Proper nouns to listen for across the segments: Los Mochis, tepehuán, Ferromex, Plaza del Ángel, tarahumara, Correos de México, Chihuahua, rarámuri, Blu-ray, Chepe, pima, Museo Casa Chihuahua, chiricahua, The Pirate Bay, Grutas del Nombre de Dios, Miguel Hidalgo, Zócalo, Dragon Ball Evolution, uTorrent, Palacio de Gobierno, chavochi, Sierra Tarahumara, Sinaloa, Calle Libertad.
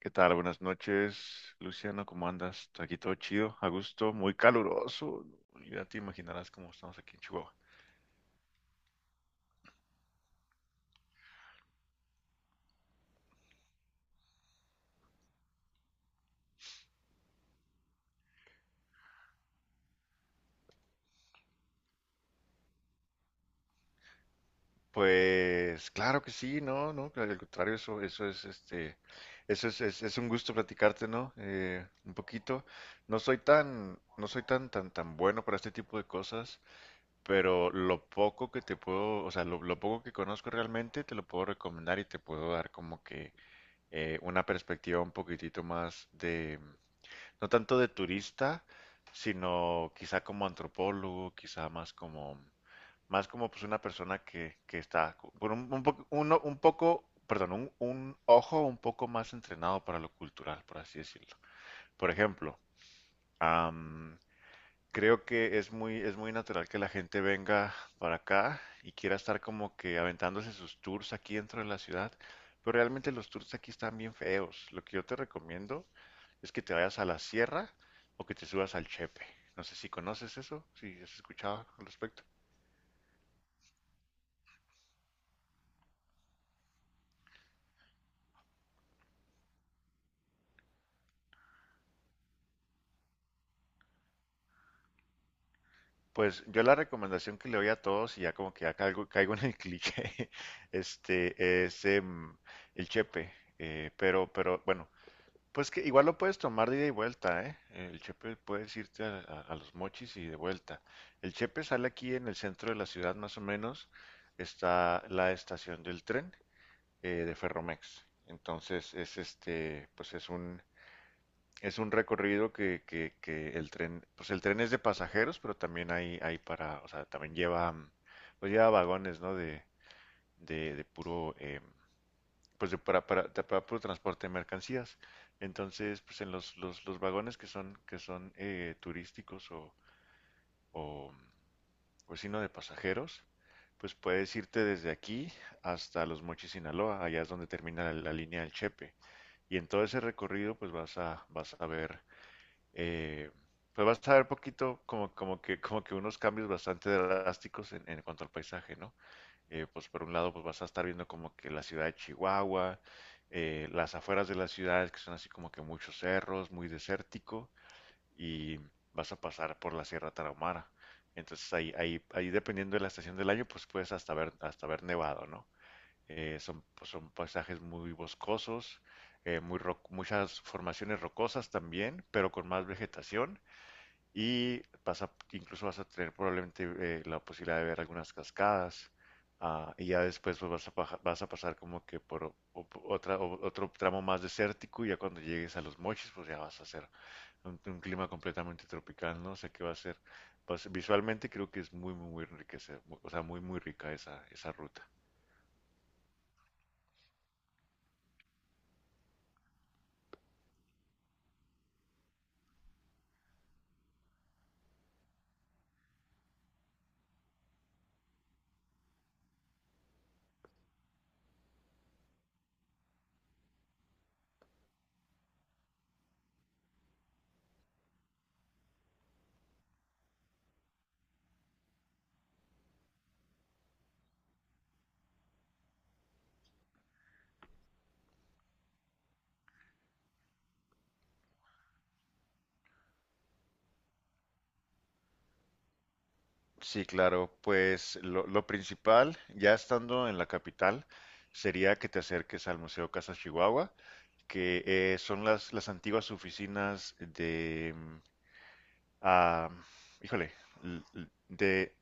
¿Qué tal? Buenas noches, Luciano. ¿Cómo andas? Aquí todo chido, a gusto, muy caluroso, ¿no? Ya te imaginarás cómo estamos aquí en Chihuahua. Pues claro que sí, no, no, claro, al contrario, eso es, es un gusto platicarte, ¿no? Un poquito. No soy tan bueno para este tipo de cosas, pero lo poco que te puedo, o sea, lo poco que conozco realmente te lo puedo recomendar y te puedo dar como que una perspectiva un poquitito más de no tanto de turista, sino quizá como antropólogo, más como pues una persona que está con un poco, uno- un poco, perdón, un ojo un poco más entrenado para lo cultural, por así decirlo. Por ejemplo, creo que es muy natural que la gente venga para acá y quiera estar como que aventándose sus tours aquí dentro de la ciudad, pero realmente los tours aquí están bien feos. Lo que yo te recomiendo es que te vayas a la sierra o que te subas al Chepe. No sé si conoces eso, si has escuchado al respecto. Pues yo la recomendación que le doy a todos, y ya como que ya caigo en el cliché, este, es em, el Chepe. Pero bueno, pues que igual lo puedes tomar de ida y vuelta, ¿eh? El Chepe puedes irte a los Mochis y de vuelta. El Chepe sale aquí en el centro de la ciudad, más o menos. Está la estación del tren de Ferromex. Entonces es este, pues es un recorrido que el tren, pues el tren es de pasajeros, pero también hay para, o sea, también lleva, pues lleva vagones, ¿no? De puro pues para puro transporte de mercancías. Entonces, pues en los vagones que son turísticos o, o sino de pasajeros, pues puedes irte desde aquí hasta Los Mochis, Sinaloa, allá es donde termina la línea del Chepe. Y en todo ese recorrido, pues vas a ver, eh, pues vas a ver poquito como que unos cambios bastante drásticos en cuanto al paisaje, ¿no? Pues por un lado pues vas a estar viendo como que la ciudad de Chihuahua, las afueras de las ciudades que son así como que muchos cerros, muy desértico y vas a pasar por la Sierra Tarahumara. Entonces ahí dependiendo de la estación del año pues puedes hasta ver nevado, ¿no? Son, pues, son paisajes muy boscosos, muchas formaciones rocosas también, pero con más vegetación y incluso vas a tener probablemente la posibilidad de ver algunas cascadas. Y ya después pues, vas a pasar como que por otro tramo más desértico y ya cuando llegues a los Mochis pues ya vas a hacer un clima completamente tropical, ¿no? O sea que va a ser, pues, visualmente creo que es muy enriquecedor, o sea, muy rica esa ruta. Sí, claro, pues lo principal, ya estando en la capital, sería que te acerques al Museo Casa Chihuahua, que son las antiguas oficinas de, ah, híjole, l- l- de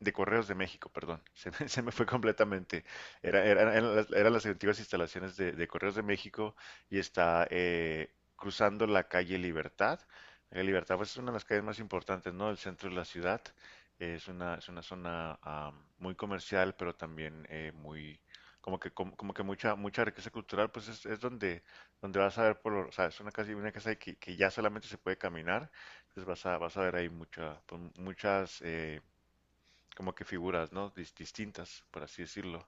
de Correos de México, perdón, se me fue completamente. Eran las antiguas instalaciones de Correos de México y está cruzando la calle Libertad. La calle Libertad pues, es una de las calles más importantes, ¿no? El centro de la ciudad. Es una zona muy comercial, pero también muy, como que, como que mucha riqueza cultural, pues es donde, donde vas a ver, o sea, es una casa que ya solamente se puede caminar, entonces vas a ver ahí mucha, pues, muchas como que figuras, ¿no? Distintas, por así decirlo.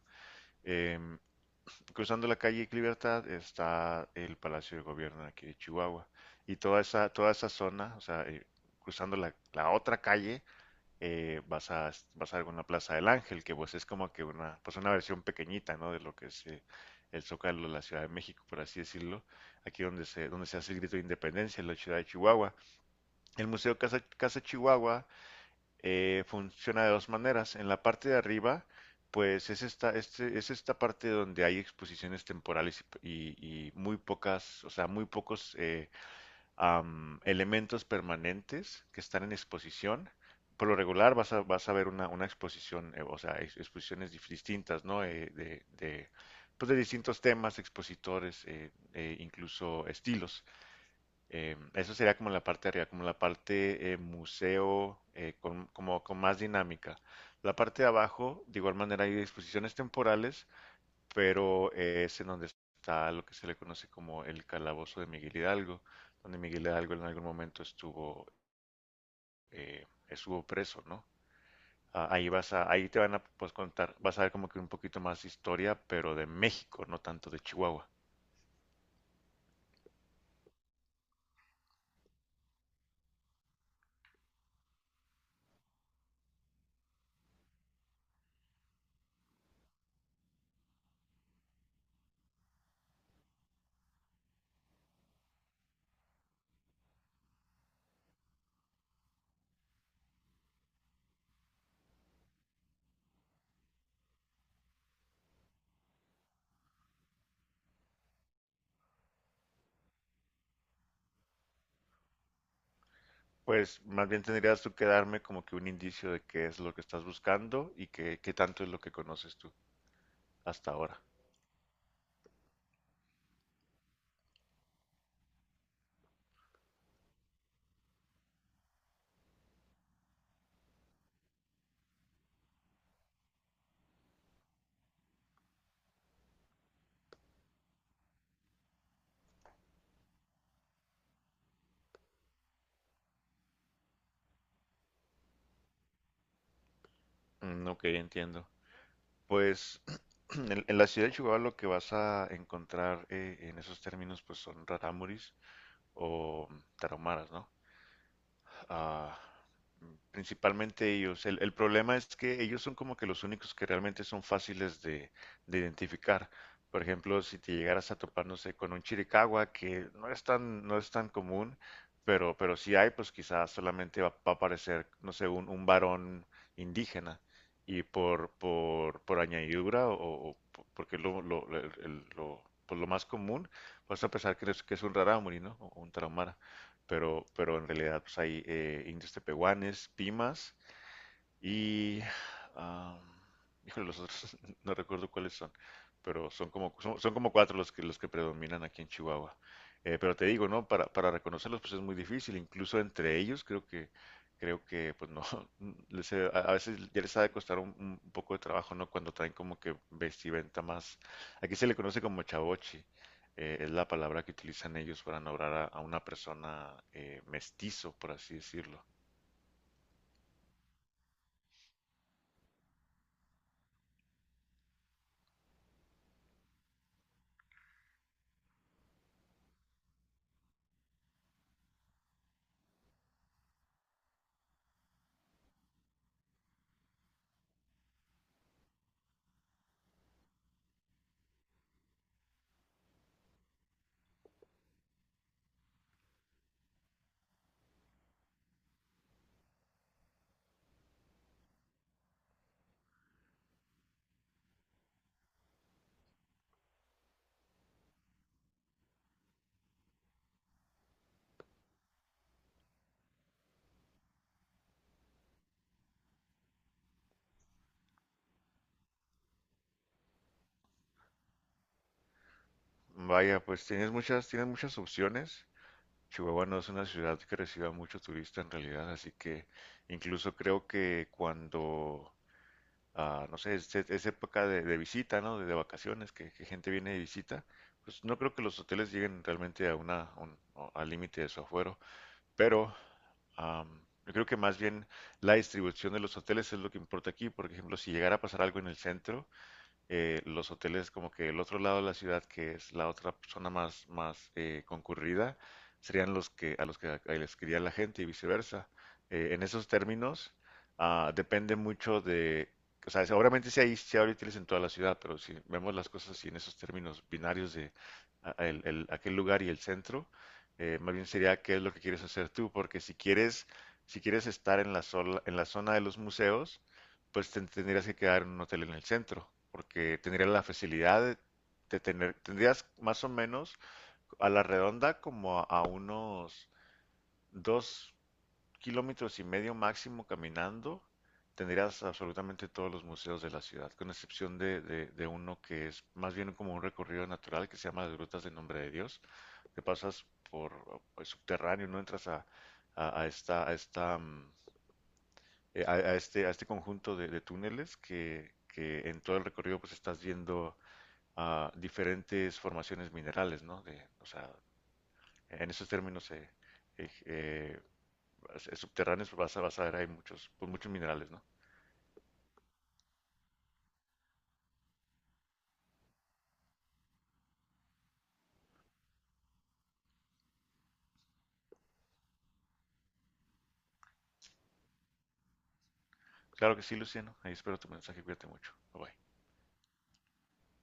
Em, Cruzando la calle Libertad está el Palacio de Gobierno de aquí de Chihuahua. Y toda esa zona, o sea, cruzando la otra calle, vas a alguna Plaza del Ángel, que pues es como que una, pues una versión pequeñita, ¿no? De lo que es el Zócalo de la Ciudad de México, por así decirlo. Aquí donde donde se hace el grito de independencia en la ciudad de Chihuahua. El Museo Casa Chihuahua funciona de dos maneras. En la parte de arriba, pues es esta parte donde hay exposiciones temporales y muy pocas, o sea, muy pocos elementos permanentes que están en exposición. Por lo regular vas a ver una exposición, o sea, exposiciones distintas, ¿no? De, pues de distintos temas, expositores, incluso estilos. Eso sería como la parte de arriba, como la parte museo, como con más dinámica. La parte de abajo, de igual manera, hay exposiciones temporales, pero es en donde está lo que se le conoce como el calabozo de Miguel Hidalgo, donde Miguel Hidalgo en algún momento estuvo, estuvo preso, ¿no? Ahí te van a pues, contar, vas a ver como que un poquito más historia, pero de México, no tanto de Chihuahua. Pues más bien tendrías tú que darme como que un indicio de qué es lo que estás buscando y qué tanto es lo que conoces tú hasta ahora. Mm, ok, entiendo. Pues en la ciudad de Chihuahua lo que vas a encontrar en esos términos pues son rarámuris o tarahumaras, ¿no? ah, Principalmente ellos. El problema es que ellos son como que los únicos que realmente son fáciles de identificar. Por ejemplo, si te llegaras a topar, no sé, con un chiricahua, que no es tan, no es tan común, pero si hay, pues quizás solamente va a aparecer, no sé, un varón indígena. Y por añadidura, porque lo, el- lo- pues lo más común, vas a pensar que es un rarámuri, ¿no? O un traumara, pero en realidad pues, hay indios tepehuanes, pimas, y, ah, híjole, los otros no recuerdo cuáles son, pero son como, son como cuatro los que predominan aquí en Chihuahua. Pero te digo, ¿no? Para reconocerlos pues es muy difícil, incluso entre ellos creo que pues no, a veces ya les ha de costar un poco de trabajo, ¿no? Cuando traen como que vestimenta más, aquí se le conoce como chavochi, es la palabra que utilizan ellos para nombrar a una persona mestizo, por así decirlo. Vaya, pues tienes muchas opciones. Chihuahua no es una ciudad que reciba mucho turista en realidad, así que incluso creo que cuando, no sé, es época de visita, ¿no? De vacaciones, que gente viene de visita, pues no creo que los hoteles lleguen realmente a una, a un- al límite de su afuero, pero am, yo creo que más bien la distribución de los hoteles es lo que importa aquí. Por ejemplo, si llegara a pasar algo en el centro, los hoteles como que el otro lado de la ciudad, que es la otra zona más concurrida, serían los que les quería la gente y viceversa. En esos términos, depende mucho de, o sea, seguramente si hay, si hay hoteles en toda la ciudad, pero si vemos las cosas así en esos términos binarios de aquel lugar y el centro, más bien sería qué es lo que quieres hacer tú, porque si quieres, si quieres estar en en la zona de los museos, pues te tendrías que quedar en un hotel en el centro, porque tendrías la facilidad de tendrías más o menos a la redonda como a unos 2,5 kilómetros máximo caminando, tendrías absolutamente todos los museos de la ciudad, con excepción de, de uno que es más bien como un recorrido natural que se llama las Grutas del Nombre de Dios, te pasas por el subterráneo, no entras a esta, a este conjunto de túneles que en todo el recorrido pues estás viendo diferentes formaciones minerales, ¿no? De, o sea, en esos términos eh, eh, subterráneos pues, vas a ver hay muchos, pues, muchos minerales, ¿no? Claro que sí, Luciano. Ahí espero tu mensaje. Cuídate mucho. Bye bye.